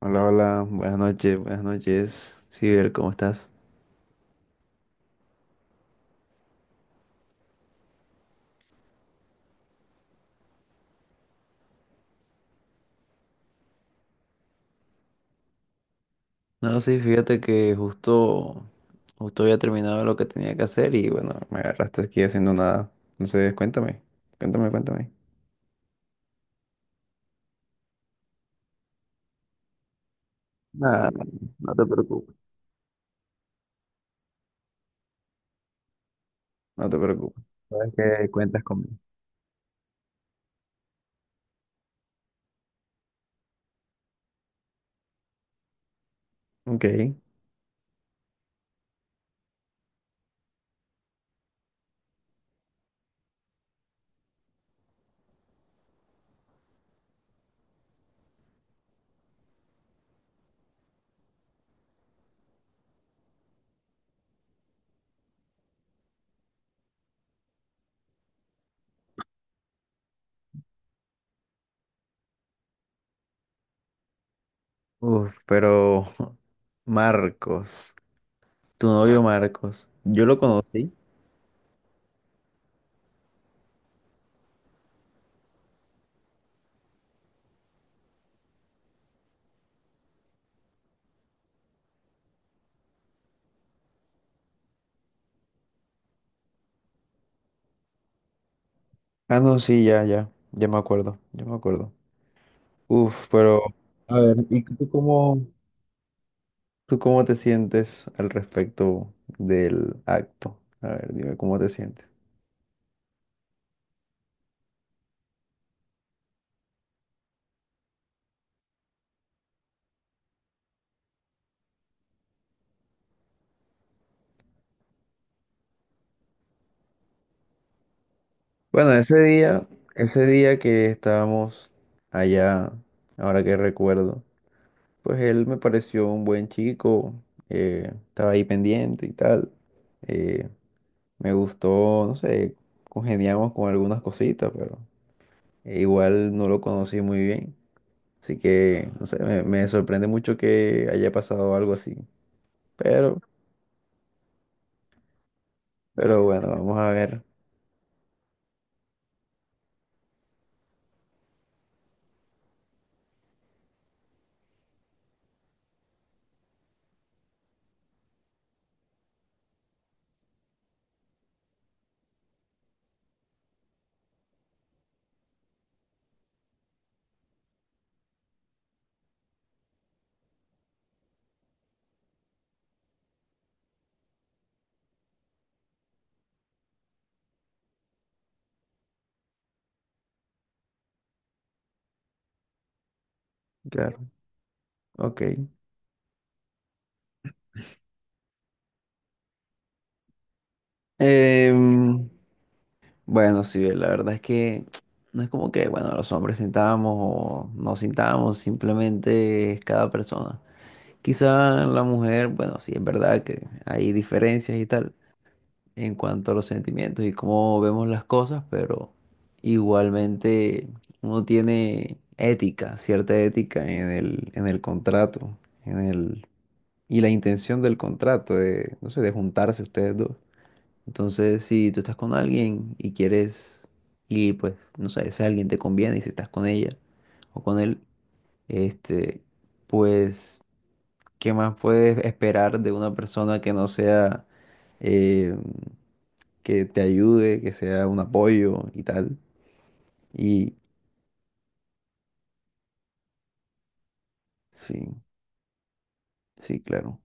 Hola, hola, buenas noches, buenas noches. Ciber, ¿cómo estás? No, sí, fíjate que justo había terminado lo que tenía que hacer y bueno, me agarraste aquí haciendo nada. Entonces, cuéntame, cuéntame, cuéntame. Nada, no te preocupes, no te preocupes. Sabes que cuentas conmigo. Ok. Uf, pero Marcos, tu novio Marcos, yo lo conocí. Ah, no, sí, ya, ya, ya me acuerdo, ya me acuerdo. Uf, pero... A ver, ¿y tú cómo? ¿Tú cómo te sientes al respecto del acto? A ver, dime cómo te sientes. Bueno, ese día que estábamos allá, ahora que recuerdo, pues él me pareció un buen chico, estaba ahí pendiente y tal. eh, Me gustó, no sé, congeniamos con algunas cositas, pero igual no lo conocí muy bien. Así que, no sé, me sorprende mucho que haya pasado algo así. Pero, pero bueno, vamos a ver. Claro. Ok. Em, bueno, sí, la verdad es que no es como que, bueno, los hombres sintamos o no sintamos, simplemente es cada persona. Quizá la mujer, bueno, sí, es verdad que hay diferencias y tal en cuanto a los sentimientos y cómo vemos las cosas, pero igualmente uno tiene ética, cierta ética en el contrato, en el, y la intención del contrato de, no sé, de juntarse ustedes dos. Entonces, si tú estás con alguien y quieres, y pues, no sé, ese alguien te conviene y si estás con ella o con él, este, pues, ¿qué más puedes esperar de una persona que no sea, eh, que te ayude, que sea un apoyo y tal? Y sí, sí, claro.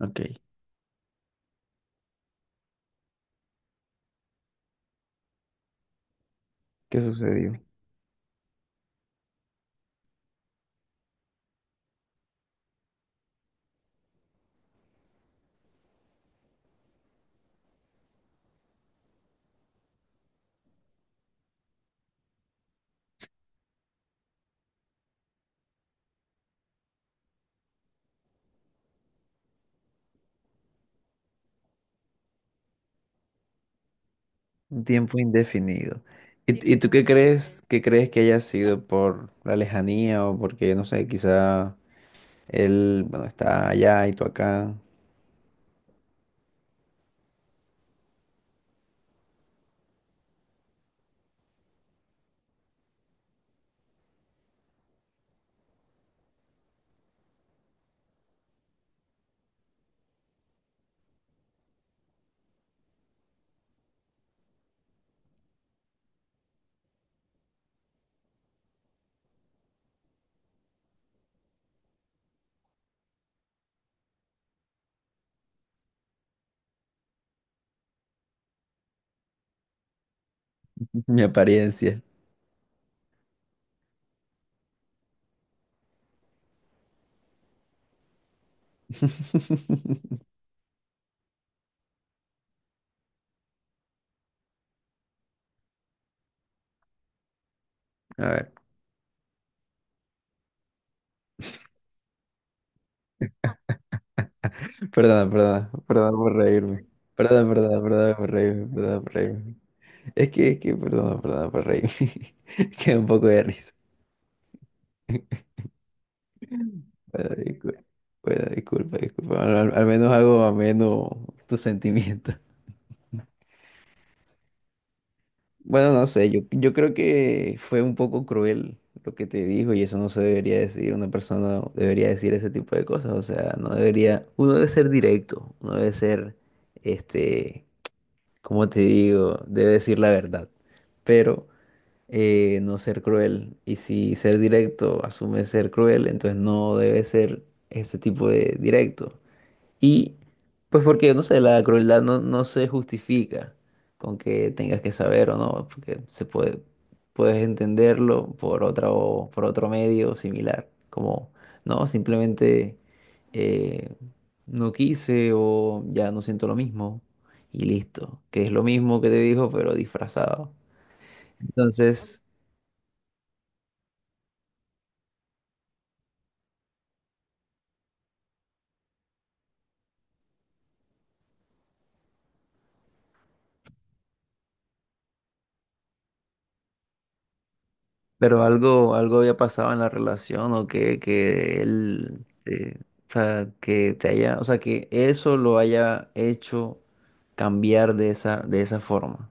Ok, ¿qué sucedió? Un tiempo indefinido. Y tú qué crees que haya sido por la lejanía o porque, no sé, quizá él, bueno, está allá y tú acá? Mi apariencia. A ver, perdona, perdona, perdona por reírme. Perdona, perdona, perdona por reírme, perdona por reírme. Es que, perdona, perdona por reírme. Es que da un poco de risa. Bueno, disculpa, bueno, disculpa, disculpa. Al menos hago ameno tus sentimientos. Bueno, no sé, yo creo que fue un poco cruel lo que te dijo y eso no se debería decir, una persona no debería decir ese tipo de cosas, o sea, no debería, uno debe ser directo, uno debe ser, este, como te digo, debe decir la verdad, pero no ser cruel, y si ser directo asume ser cruel, entonces no debe ser ese tipo de directo, y pues porque, no sé, la crueldad no se justifica con que tengas que saber o no, porque puedes entenderlo por otra, por otro medio similar, como, no, simplemente eh, no quise o ya no siento lo mismo y listo, que es lo mismo que te dijo pero disfrazado. Entonces, pero algo, algo había pasado en la relación o que él, o sea, que te haya, o sea, que eso lo haya hecho cambiar de esa forma.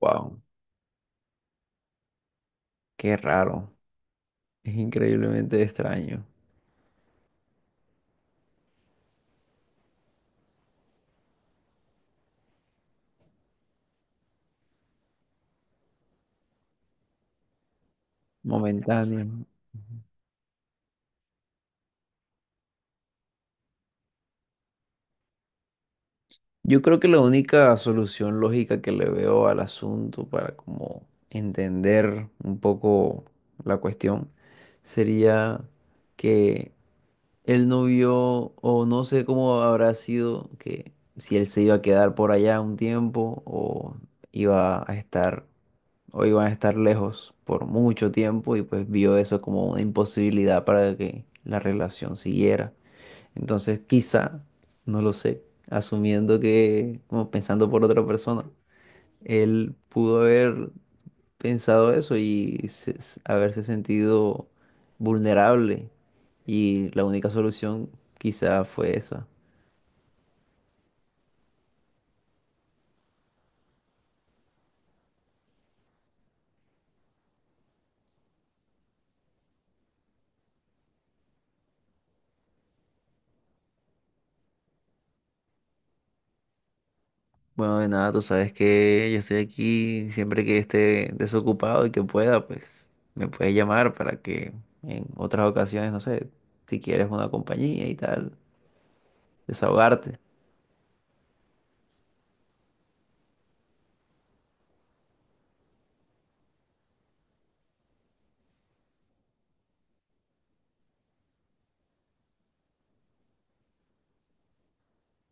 Wow, qué raro. Es increíblemente extraño, momentáneo. Yo creo que la única solución lógica que le veo al asunto para como entender un poco la cuestión sería que él no vio, o no sé cómo habrá sido, que si él se iba a quedar por allá un tiempo, o iba a estar, o iban a estar lejos por mucho tiempo, y pues vio eso como una imposibilidad para que la relación siguiera. Entonces, quizá, no lo sé, asumiendo que, como pensando por otra persona, él pudo haber pensado eso y haberse sentido vulnerable. Y la única solución quizá fue esa. Bueno, de nada, tú sabes que yo estoy aquí siempre que esté desocupado y que pueda, pues me puedes llamar para que en otras ocasiones, no sé, si quieres una compañía y tal, desahogarte.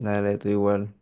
Dale, tú igual.